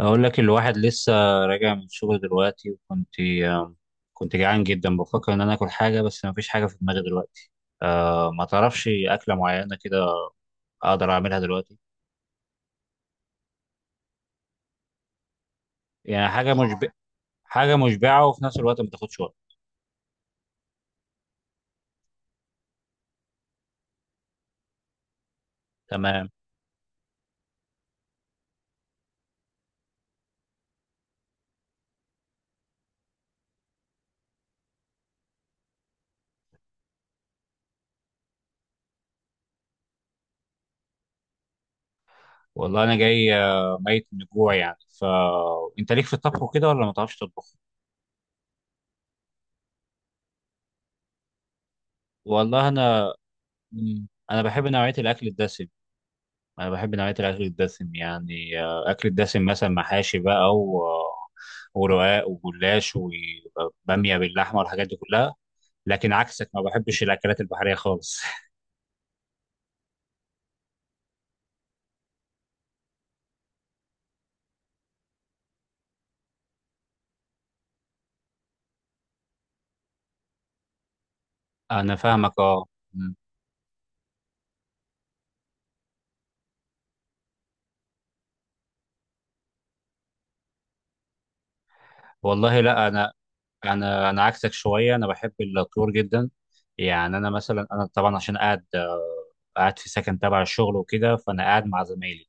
أقول لك الواحد لسه راجع من الشغل دلوقتي، وكنت كنت جعان جدا، بفكر إن أنا آكل حاجة بس مفيش حاجة في دماغي دلوقتي. أه، ما تعرفش أكلة معينة كده أقدر أعملها دلوقتي؟ يعني حاجة مشبعة وفي نفس الوقت ما تاخدش وقت. تمام. والله أنا جاي، ميت من الجوع يعني، فأنت ليك في الطبخ وكده ولا ما تعرفش تطبخ؟ والله أنا، أنا بحب نوعية الأكل الدسم، انا بحب نوعيه الاكل الدسم يعني اكل الدسم مثلا محاشي بقى، ورقاق وجلاش وباميه باللحمه والحاجات دي كلها، لكن عكسك ما بحبش الاكلات البحريه خالص. انا فاهمك اه. مم. والله لا، انا انا عكسك شويه، انا بحب الطيور جدا يعني. انا مثلا، انا طبعا عشان قاعد، قاعد في سكن تبع الشغل وكده، فانا قاعد مع زمايلي.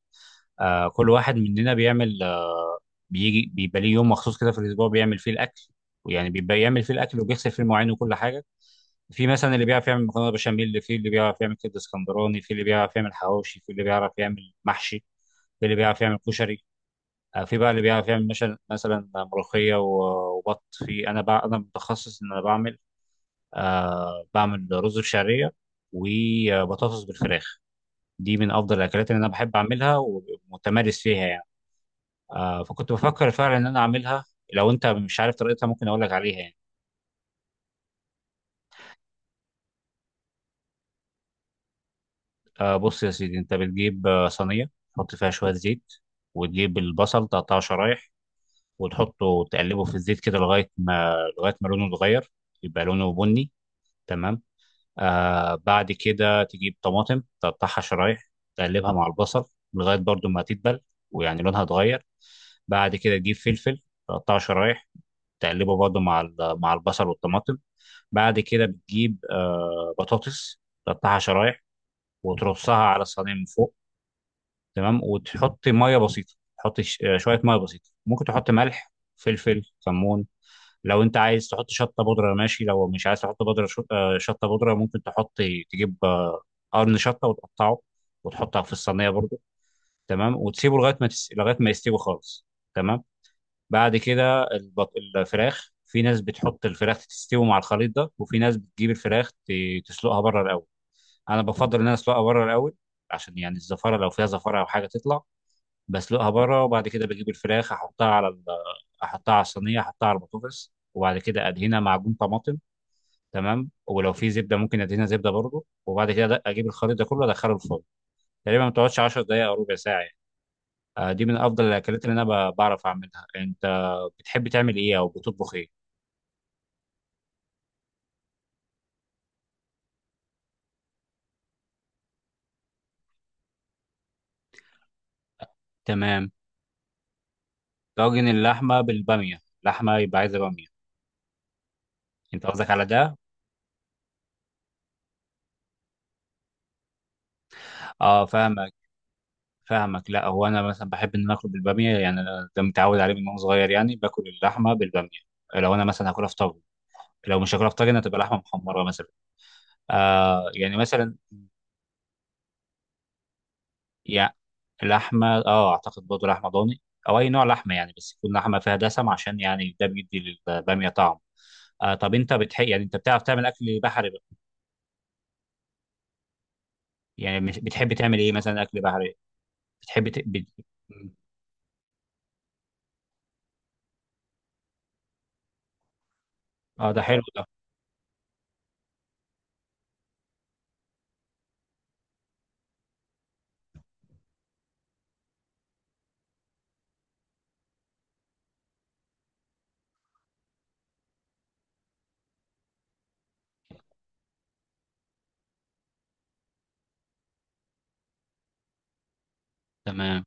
كل واحد مننا بيعمل، بيجي بيبقى ليه يوم مخصوص كده في الاسبوع بيعمل فيه الاكل، ويعني بيبقى يعمل فيه الاكل وبيغسل فيه المواعين وكل حاجه. في مثلا اللي بيعرف يعمل مكرونه بشاميل، اللي في اللي بيعرف يعمل كبده اسكندراني، في اللي بيعرف يعمل حواوشي، في اللي بيعرف يعمل محشي، في اللي بيعرف يعمل كشري، في بقى اللي بيعرف يعمل مثلا ملوخيه وبط، في انا بقى انا متخصص ان انا بعمل، بعمل رز بشعريه وبطاطس بالفراخ. دي من افضل الاكلات اللي انا بحب اعملها ومتمارس فيها يعني. فكنت بفكر فعلا ان انا اعملها. لو انت مش عارف طريقتها ممكن اقول لك عليها يعني. بص يا سيدي، انت بتجيب صينيه تحط فيها شويه زيت، وتجيب البصل تقطعه شرايح، وتحطه تقلبه في الزيت كده، لغايه ما لونه يتغير، يبقى لونه بني. تمام. بعد كده تجيب طماطم تقطعها شرايح، تقلبها مع البصل لغايه برضو ما تدبل ويعني لونها اتغير. بعد كده تجيب فلفل، تقطعه شرايح، تقلبه برضه مع البصل والطماطم. بعد كده بتجيب بطاطس تقطعها شرايح وترصها على الصينيه من فوق. تمام. وتحط ميه بسيطه، تحط شويه ميه بسيطه، ممكن تحط ملح فلفل كمون. لو انت عايز تحط شطه بودره ماشي، لو مش عايز تحط بودره شطه بودره ممكن تحط، تجيب قرن شطه وتقطعه وتحطها في الصينيه برضه. تمام. وتسيبه لغايه ما يستوي خالص. تمام. بعد كده الفراخ، في ناس بتحط الفراخ تستوي مع الخليط ده، وفي ناس بتجيب الفراخ تسلقها بره الاول. انا بفضل ان انا اسلقها بره الاول عشان يعني الزفاره، لو فيها زفاره او حاجه تطلع، بسلقها بره، وبعد كده بجيب الفراخ احطها على الصينيه، احطها على البطاطس، وبعد كده ادهنها معجون طماطم. تمام. ولو في زبده ممكن ادهنها زبده برضه، وبعد كده اجيب الخليط ده كله ادخله الفرن. تقريبا ما بتقعدش 10 دقائق او ربع ساعه يعني. دي من افضل الاكلات اللي انا بعرف اعملها. انت بتحب تعمل ايه او بتطبخ ايه؟ تمام. طاجن اللحمه بالباميه، لحمه يبقى عايزه باميه. انت قصدك على ده؟ اه فاهمك، فاهمك. لا، هو انا مثلا بحب ان انا اكل بالباميه يعني، انا ده متعود عليه من وانا صغير، يعني باكل اللحمه بالباميه. لو انا مثلا هاكلها في طاجن، لو مش هاكلها في طاجن هتبقى لحمه محمره مثلا. يعني مثلا. يعني لحمه، اه اعتقد برضه لحمه ضاني، او اي نوع لحمه يعني، بس يكون لحمه فيها دسم عشان يعني ده بيدي للباميه طعم. طب انت بتحب يعني، انت بتعرف تعمل اكل بحري بقى؟ يعني بتحب تعمل ايه مثلا اكل بحري؟ بتحبي ت- بت... مم. اه ده حلو ده. تمام.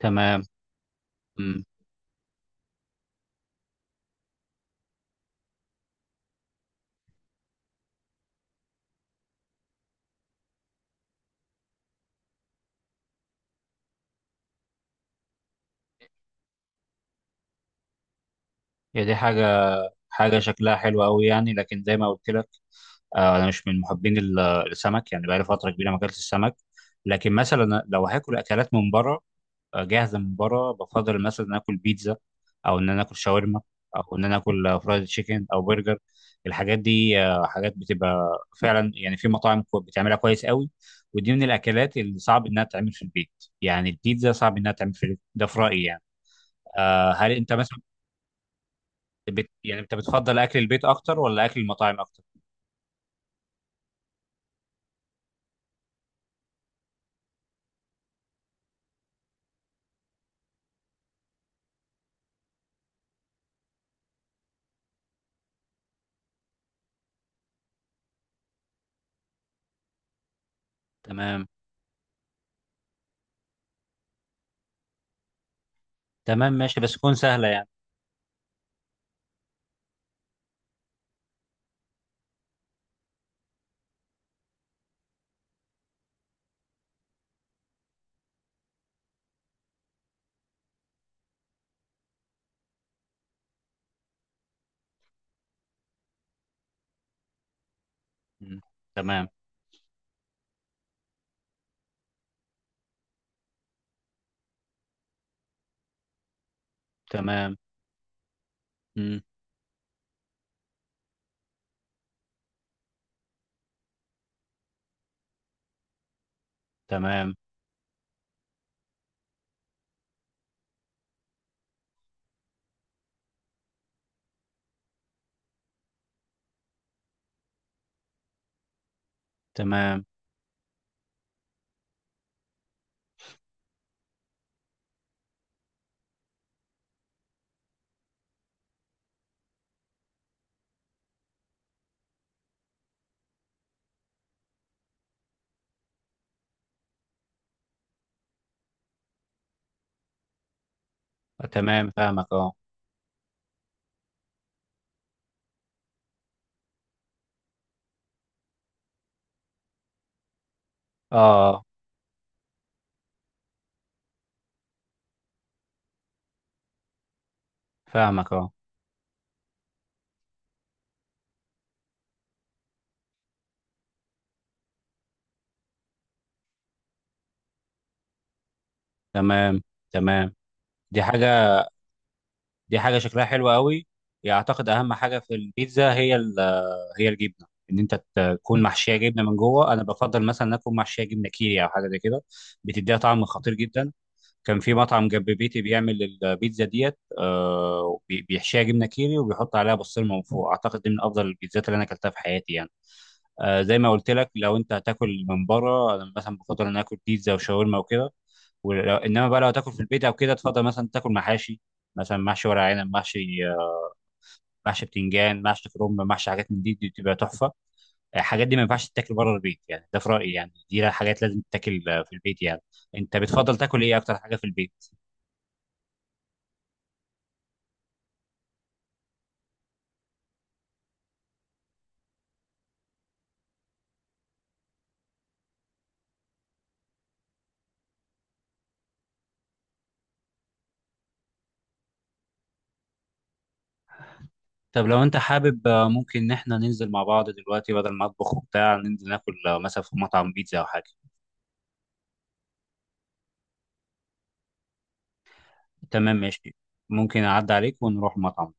تمام. امم. هي دي حاجة، حاجة شكلها حلو قوي يعني. لكن زي ما قلت لك، انا مش من محبين السمك يعني، بقالي فترة كبيرة ما اكلتش السمك. لكن مثلا لو هاكل اكلات من بره، جاهزه من بره، بفضل مثلا إن اكل بيتزا، او ان انا اكل شاورما، او ان انا اكل فرايد تشيكن او برجر. الحاجات دي حاجات بتبقى فعلا يعني في مطاعم بتعملها كويس قوي، ودي من الاكلات اللي صعب انها تتعمل في البيت. يعني البيتزا صعب انها تتعمل في البيت، ده في رايي يعني. هل انت مثلا، بت يعني انت بتفضل اكل البيت اكتر ولا اكل المطاعم اكتر؟ تمام. تمام ماشي، بس تكون سهله يعني. مم. تمام. تمام. مم. تمام. تمام. تمام فاهمك اه. اه. آه. فاهمك اه. تمام. تمام. دي حاجة، دي حاجة شكلها حلو قوي يعني. اعتقد اهم حاجة في البيتزا هي هي الجبنة، ان انت تكون محشية جبنة من جوه. انا بفضل مثلا اكون محشية جبنة كيري او حاجة زي كده، بتديها طعم خطير جدا. كان في مطعم جنب بيتي بيعمل البيتزا ديت، بيحشيها جبنة كيري وبيحط عليها بسطرمة من فوق، اعتقد دي من افضل البيتزات اللي انا اكلتها في حياتي يعني. زي ما قلت لك، لو انت هتاكل من بره انا مثلا بفضل ان أنا اكل بيتزا وشاورما وكده. ولو انما بقى لو تاكل في البيت او كده، تفضل مثلا تاكل محاشي، مثلا محشي ورق عنب، محشي آه، محشي بتنجان، محشي كرنب، محشي حاجات من دي, دي بتبقى تحفه. الحاجات دي ما ينفعش تتاكل بره البيت يعني، ده في رايي يعني، دي حاجات لازم تتاكل في البيت يعني. انت بتفضل تاكل ايه اكتر حاجه في البيت؟ طب لو انت حابب، ممكن ان احنا ننزل مع بعض دلوقتي بدل ما اطبخ وبتاع، ننزل ناكل مثلا في مطعم بيتزا او حاجه. تمام ماشي، ممكن اعدي عليك ونروح مطعم.